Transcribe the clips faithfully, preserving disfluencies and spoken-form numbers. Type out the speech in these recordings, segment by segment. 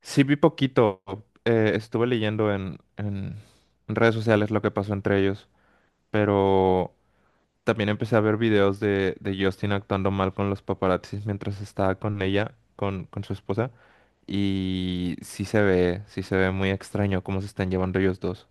Sí, vi poquito. Eh, estuve leyendo en, en redes sociales lo que pasó entre ellos, pero también empecé a ver videos de, de Justin actuando mal con los paparazzis mientras estaba con ella, con, con su esposa, y sí se ve, sí se ve muy extraño cómo se están llevando ellos dos.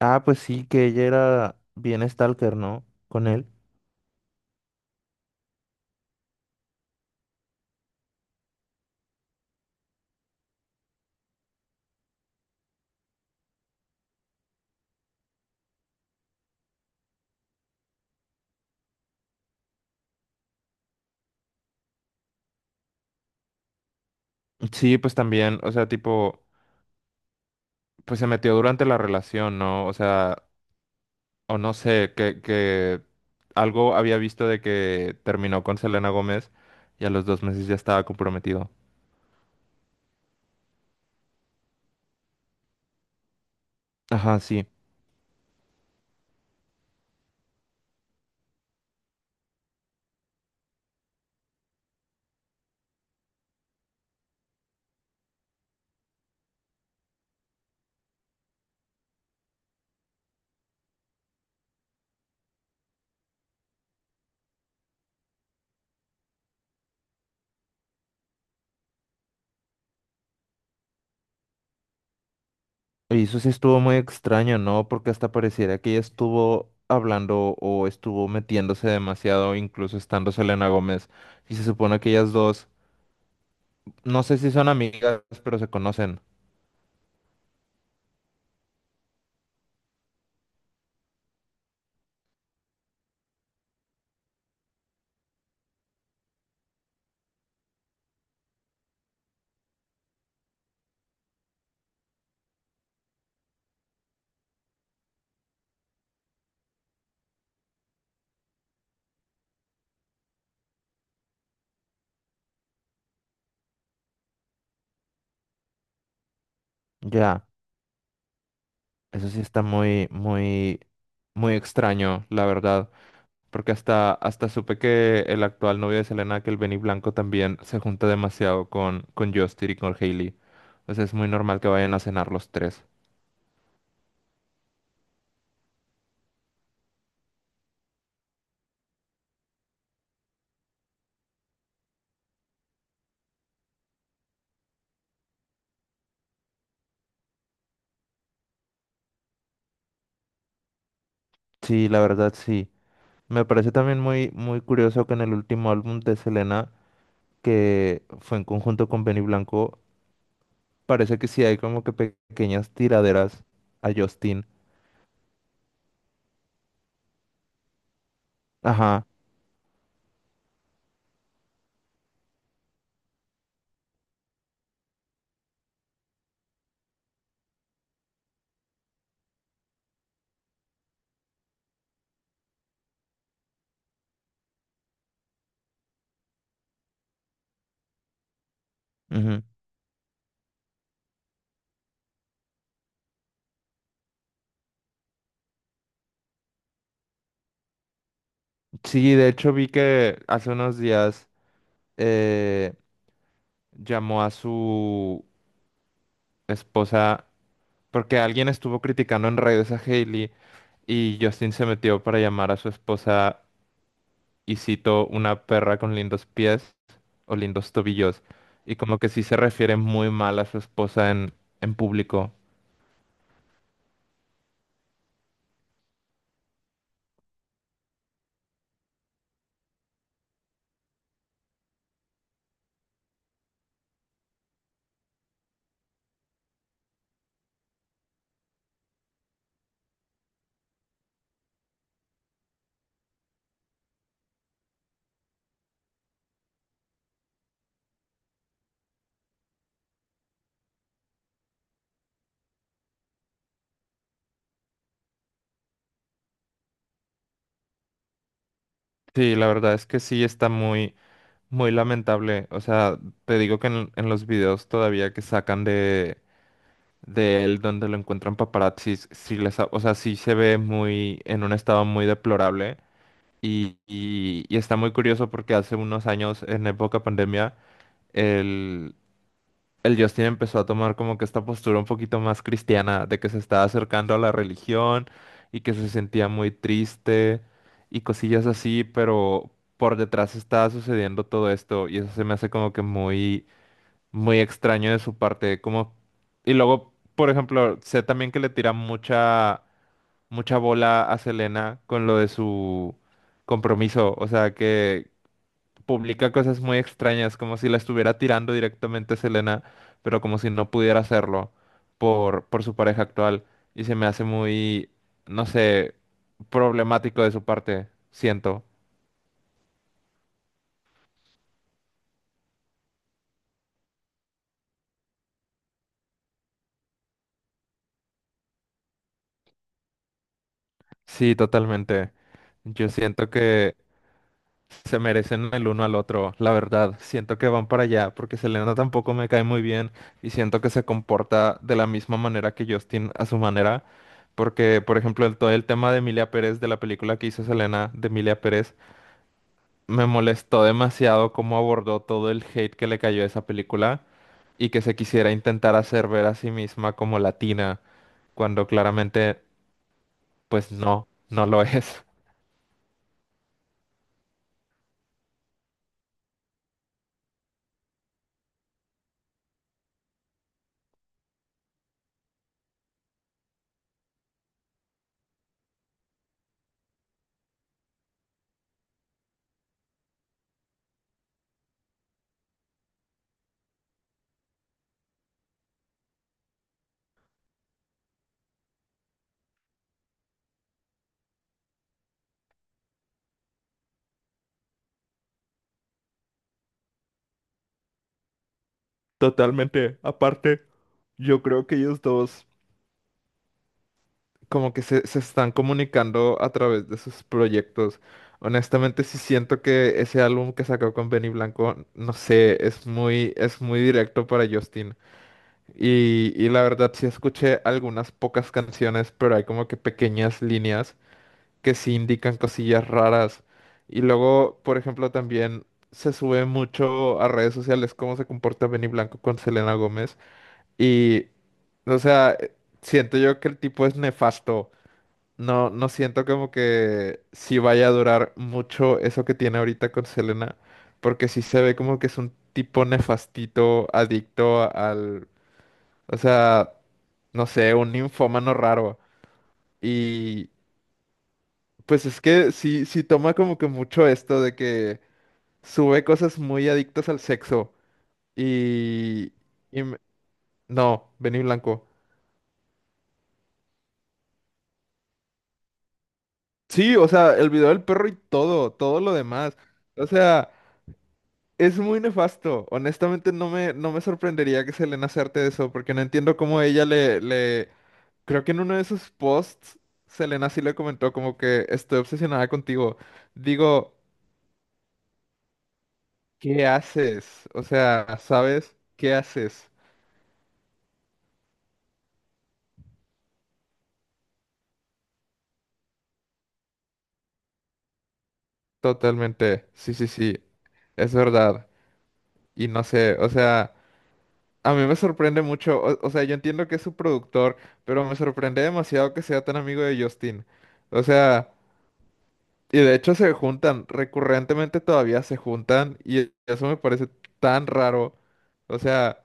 Ah, pues sí, que ella era bien stalker, ¿no? Con él. Sí, pues también, o sea, tipo, pues se metió durante la relación, ¿no? O sea, o no sé, que, que algo había visto de que terminó con Selena Gómez y a los dos meses ya estaba comprometido. Ajá, sí. Y eso sí estuvo muy extraño, ¿no? Porque hasta pareciera que ella estuvo hablando o estuvo metiéndose demasiado, incluso estando Selena Gómez. Y se supone que ellas dos, no sé si son amigas, pero se conocen. Ya, eso sí está muy, muy, muy extraño, la verdad. Porque hasta, hasta supe que el actual novio de Selena, que el Benny Blanco, también se junta demasiado con, con Justin y con Hailey. O sea, es muy normal que vayan a cenar los tres. Sí, la verdad sí. Me parece también muy, muy curioso que en el último álbum de Selena, que fue en conjunto con Benny Blanco, parece que sí hay como que pe- pequeñas tiraderas a Justin. Ajá. Ujú. Sí, de hecho vi que hace unos días eh, llamó a su esposa. Porque alguien estuvo criticando en redes a Hailey y Justin se metió para llamar a su esposa, y cito, una perra con lindos pies o lindos tobillos. Y como que sí se refiere muy mal a su esposa en, en público. Sí, la verdad es que sí está muy, muy lamentable. O sea, te digo que en, en los videos todavía que sacan de, de él donde lo encuentran paparazzis, sí les, ha- o sea, sí se ve muy, en un estado muy deplorable. Y, y- y está muy curioso porque hace unos años, en época pandemia, el, el Justin empezó a tomar como que esta postura un poquito más cristiana, de que se estaba acercando a la religión y que se sentía muy triste y cosillas así, pero por detrás estaba sucediendo todo esto y eso se me hace como que muy, muy extraño de su parte, como... Y luego, por ejemplo, sé también que le tira mucha mucha bola a Selena con lo de su compromiso, o sea, que publica cosas muy extrañas, como si la estuviera tirando directamente a Selena, pero como si no pudiera hacerlo por, por su pareja actual, y se me hace muy, no sé, problemático de su parte, siento. Sí, totalmente. Yo siento que se merecen el uno al otro, la verdad. Siento que van para allá porque Selena tampoco me cae muy bien y siento que se comporta de la misma manera que Justin a su manera. Porque, por ejemplo, el, todo el tema de Emilia Pérez, de la película que hizo Selena de Emilia Pérez, me molestó demasiado cómo abordó todo el hate que le cayó a esa película y que se quisiera intentar hacer ver a sí misma como latina, cuando claramente, pues no, no lo es. Totalmente. Aparte, yo creo que ellos dos, como que se, se están comunicando a través de sus proyectos. Honestamente, sí siento que ese álbum que sacó con Benny Blanco, no sé, es muy, es muy directo para Justin. Y, y la verdad sí escuché algunas pocas canciones, pero hay como que pequeñas líneas que sí indican cosillas raras. Y luego, por ejemplo, también se sube mucho a redes sociales cómo se comporta Benny Blanco con Selena Gómez. Y, o sea, siento yo que el tipo es nefasto. No, no siento como que sí vaya a durar mucho eso que tiene ahorita con Selena, porque sí se ve como que es un tipo nefastito, adicto a- al, o sea, no sé, un ninfómano raro. Y pues es que sí, sí toma como que mucho esto de que sube cosas muy adictas al sexo. Y, y me- no, Benny Blanco. Sí, o sea, el video del perro y todo, todo lo demás. O sea. Es muy nefasto. Honestamente, no me, no me sorprendería que Selena hacerte de eso, porque no entiendo cómo ella le, le... Creo que en uno de sus posts, Selena sí le comentó como que estoy obsesionada contigo. Digo, ¿qué haces? O sea, ¿sabes? ¿Qué haces? Totalmente. Sí, sí, sí. Es verdad. Y no sé, o sea, a mí me sorprende mucho. O, o sea, yo entiendo que es su productor, pero me sorprende demasiado que sea tan amigo de Justin. O sea... Y de hecho se juntan, recurrentemente todavía se juntan y eso me parece tan raro. O sea,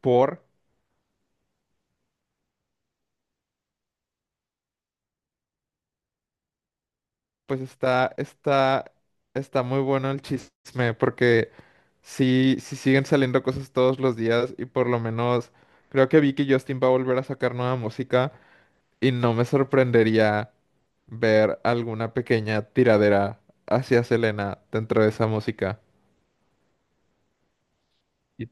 por, pues está, está, está muy bueno el chisme porque sí, sí siguen saliendo cosas todos los días y por lo menos creo que vi que Justin va a volver a sacar nueva música y no me sorprendería ver alguna pequeña tiradera hacia Selena dentro de esa música. Y,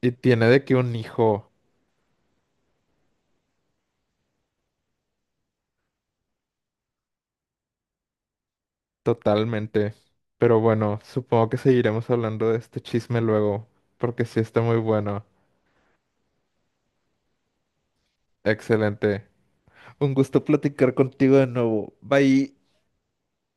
y tiene de que un hijo. Totalmente. Pero bueno, supongo que seguiremos hablando de este chisme luego, porque sí está muy bueno. Excelente. Un gusto platicar contigo de nuevo. Bye.